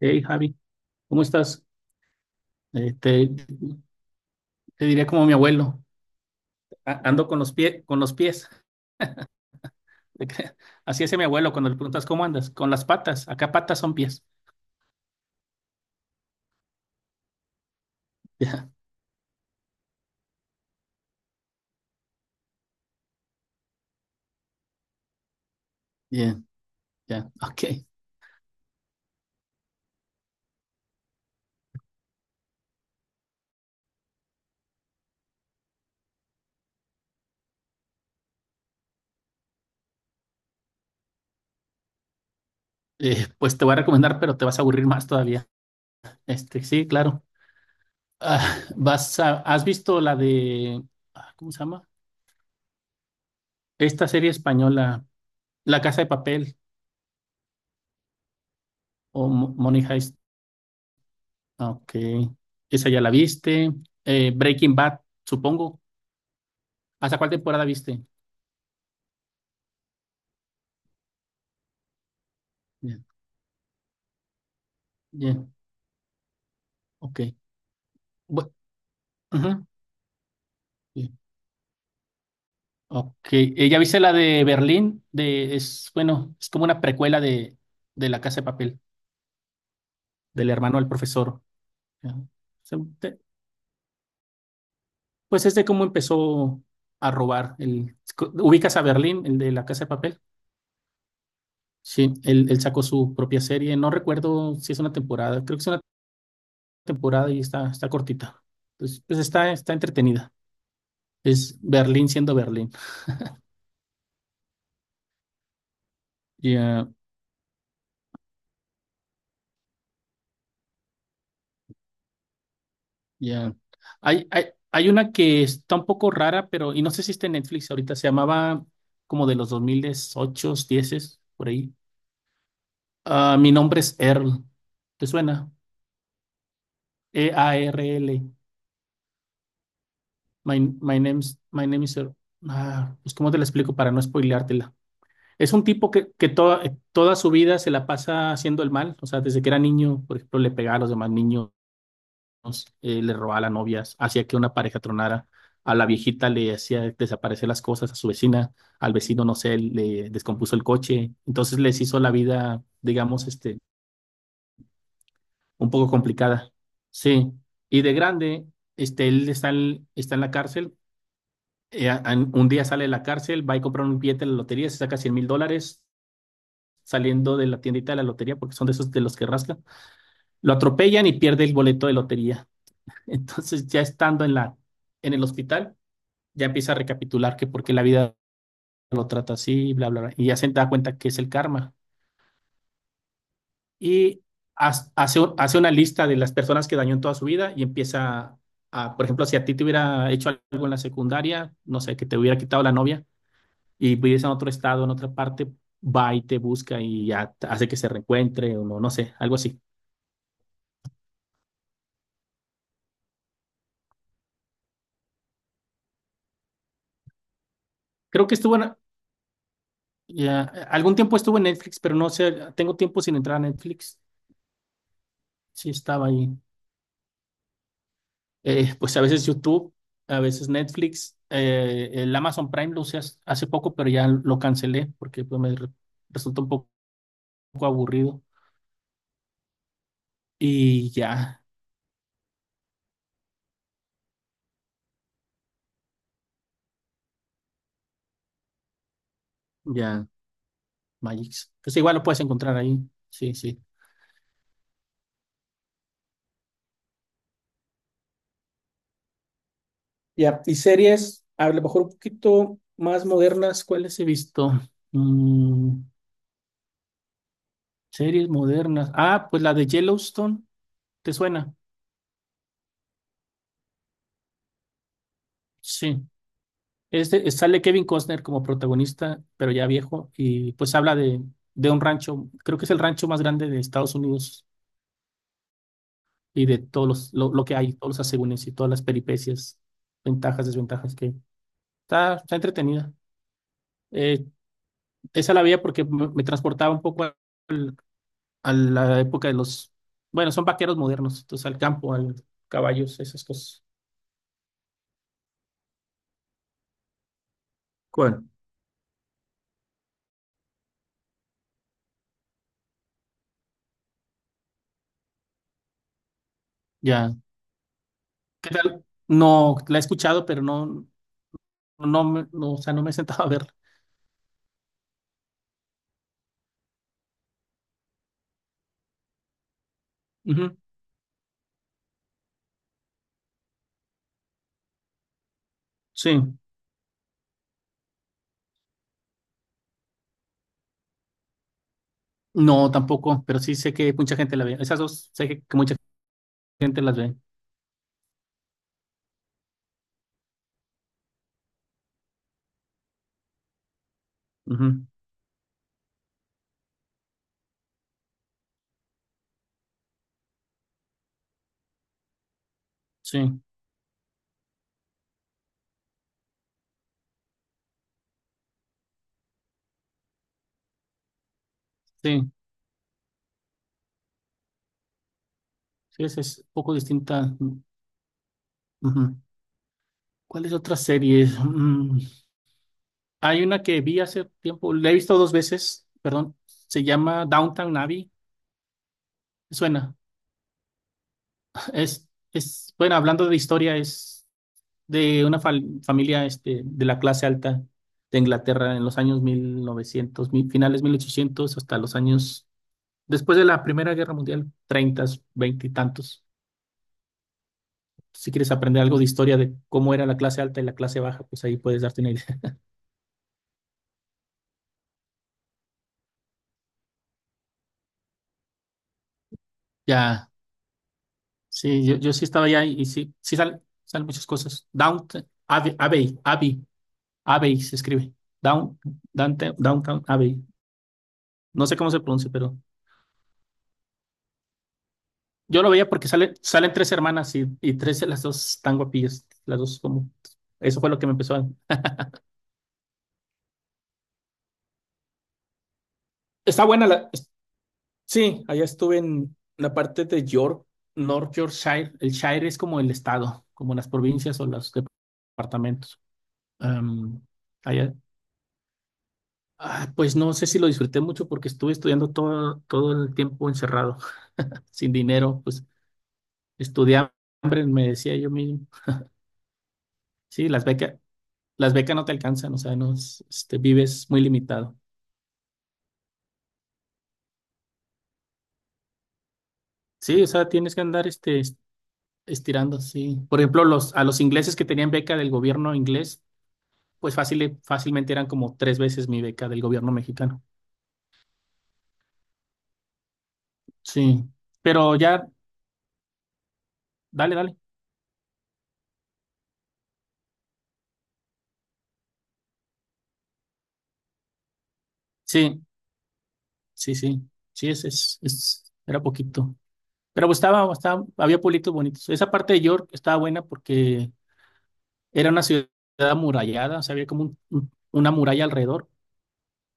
Hey Javi, ¿cómo estás? Te diría como mi abuelo, ando con los pies, con los pies. Así es mi abuelo cuando le preguntas cómo andas, con las patas, acá patas son pies. Ya, bien, ya, ok. Pues te voy a recomendar, pero te vas a aburrir más todavía. Este, sí, claro. Ah, ¿has visto la de, ah, ¿cómo se llama? Esta serie española, La Casa de Papel o Money Heist. Ah, ok, esa ya la viste. Breaking Bad, supongo. ¿Hasta cuál temporada viste? Bien, bien, ok. Bu- ajá, bien, ok. ¿ya viste la de Berlín? De, es, bueno, es como una precuela de La Casa de Papel, del hermano del profesor. Ajá. Se- te- Pues es de cómo empezó a robar. El, ¿ubicas a Berlín, el de La Casa de Papel? Sí, él sacó su propia serie. No recuerdo si es una temporada. Creo que es una temporada y está cortita. Entonces, pues está entretenida. Es Berlín siendo Berlín. Ya, ya. Hay, hay, hay una que está un poco rara, pero, y no sé si está en Netflix ahorita, se llamaba como de los 2008, 10, por ahí. Ah, mi nombre es Earl. ¿Te suena? E-A-R-L. My, my name's, my name is Earl. Ah, pues, ¿cómo te la explico para no spoileártela? Es un tipo que toda su vida se la pasa haciendo el mal. O sea, desde que era niño, por ejemplo, le pegaba a los demás niños. Eh, le robaba a las novias, hacía que una pareja tronara, a la viejita le hacía desaparecer las cosas, a su vecina, al vecino, no sé, le descompuso el coche, entonces les hizo la vida, digamos, este, un poco complicada. Sí, y de grande, este, él está en la cárcel, un día sale de la cárcel, va y compra un billete de la lotería, se saca 100 mil dólares. Saliendo de la tiendita de la lotería, porque son de esos de los que rascan, lo atropellan y pierde el boleto de lotería. Entonces, ya estando en en el hospital, ya empieza a recapitular que por qué la vida lo trata así, bla, bla, bla, y ya se da cuenta que es el karma. Y hace, hace una lista de las personas que dañó en toda su vida y empieza a, por ejemplo, si a ti te hubiera hecho algo en la secundaria, no sé, que te hubiera quitado la novia y vives en otro estado, en otra parte, va y te busca y ya hace que se reencuentre o no, no sé, algo así. Creo que estuvo en, ya, algún tiempo estuvo en Netflix, pero no sé, tengo tiempo sin entrar a Netflix. Sí estaba ahí. Eh, pues a veces YouTube, a veces Netflix, el Amazon Prime lo usé hace poco, pero ya lo cancelé porque pues, resultó un poco aburrido. Y ya, ya, Magix. Pues igual lo puedes encontrar ahí. Sí, sí. Ya, y series, a lo mejor un poquito más modernas, ¿cuáles he visto? Mm, series modernas. Ah, pues la de Yellowstone, ¿te suena? Sí. Este, sale Kevin Costner como protagonista, pero ya viejo, y pues habla de un rancho, creo que es el rancho más grande de Estados Unidos y de todos lo que hay, todos los asegúnes y todas las peripecias, ventajas, desventajas que está entretenida. Eh, esa la veía porque me transportaba un poco al- a la época de los, bueno, son vaqueros modernos, entonces al campo, al caballos, esas cosas. ¿Cuál? Ya, ¿qué tal? No, la he escuchado, pero no, me- no, o sea, no me he sentado a verla. Sí, no, tampoco, pero sí sé que mucha gente la ve. Esas dos sé que mucha gente las ve. Ujú, sí, sí, sí, esa es un poco distinta. Ujú. ¿Cuáles otras series? Mm, hay una que vi hace tiempo, la he visto dos veces, perdón, se llama Downtown Abbey. Suena, es, bueno, hablando de historia, es de una familia este, de la clase alta de Inglaterra en los años 1900, mil- novecientos, mi- finales 1800, hasta los años. Después de la Primera Guerra Mundial, treintas, veinte y tantos. Si quieres aprender algo de historia de cómo era la clase alta y la clase baja, pues ahí puedes darte una idea. Ya, sí, yo sí estaba allá y sí, salen muchas cosas. Downtown Abbey, Abbey, Abbey, Abbey se escribe. Down, Downtown Abbey. No sé cómo se pronuncia, pero yo lo veía porque salen tres hermanas y tres de las dos están guapillas. Las dos como... Eso fue lo que me empezó a... Está buena la... Sí, allá estuve en la parte de York, North Yorkshire. El Shire es como el estado, como las provincias o los departamentos. Am, allá, ah, pues no sé si lo disfruté mucho porque estuve estudiando todo el tiempo encerrado, sin dinero, pues estudié hambre, me decía yo mismo. Sí, las becas no te alcanzan, o sea, no, este, vives muy limitado. Sí, o sea, tienes que andar este, estirando, sí. Por ejemplo, los, a los ingleses que tenían beca del gobierno inglés pues fácilmente eran como tres veces mi beca del gobierno mexicano. Sí, pero ya, dale, dale. Sí, sí, sí, sí, era poquito. Pero pues había pueblitos bonitos. Esa parte de York estaba buena porque era una ciudad amurallada, o sea, había como una muralla alrededor.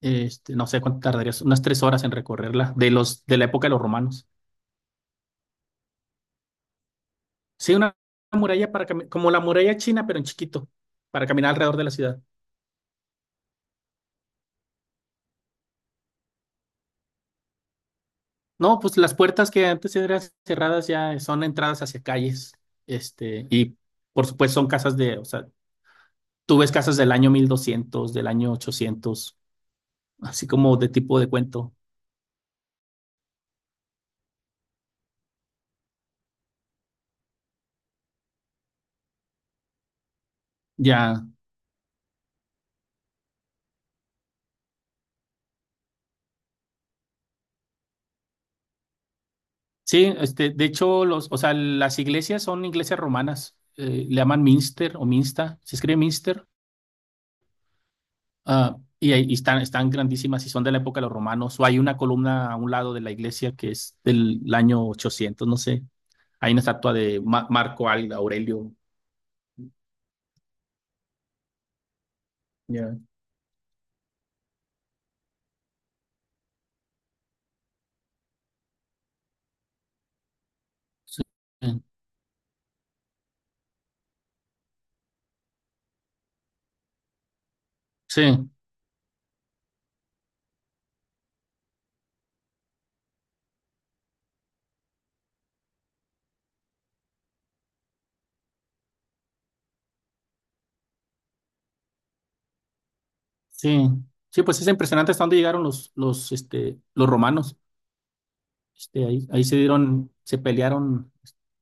Este, no sé cuánto tardarías, unas tres horas en recorrerla, de de la época de los romanos. Sí, una muralla para como la muralla china, pero en chiquito, para caminar alrededor de la ciudad. No, pues las puertas que antes eran cerradas ya son entradas hacia calles, este, y por supuesto son casas de, o sea, tú ves casas del año 1200 del año 800 así como de tipo de cuento. Ya, sí, este, de hecho, los, o sea, las iglesias son iglesias romanas, le llaman Minster o Minsta, se escribe Minster, ah, y, están, están grandísimas y son de la época de los romanos, o hay una columna a un lado de la iglesia que es del año 800 no sé. Hay una estatua de Marco Aurelio. Ya. Sí, sí, sí. Sí, pues es impresionante hasta dónde llegaron este, los romanos. Este, ahí se pelearon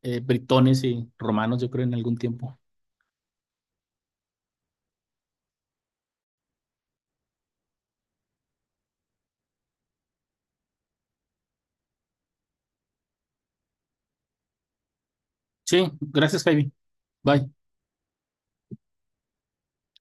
britones y romanos, yo creo, en algún tiempo. Sí, gracias, Javi. Bye.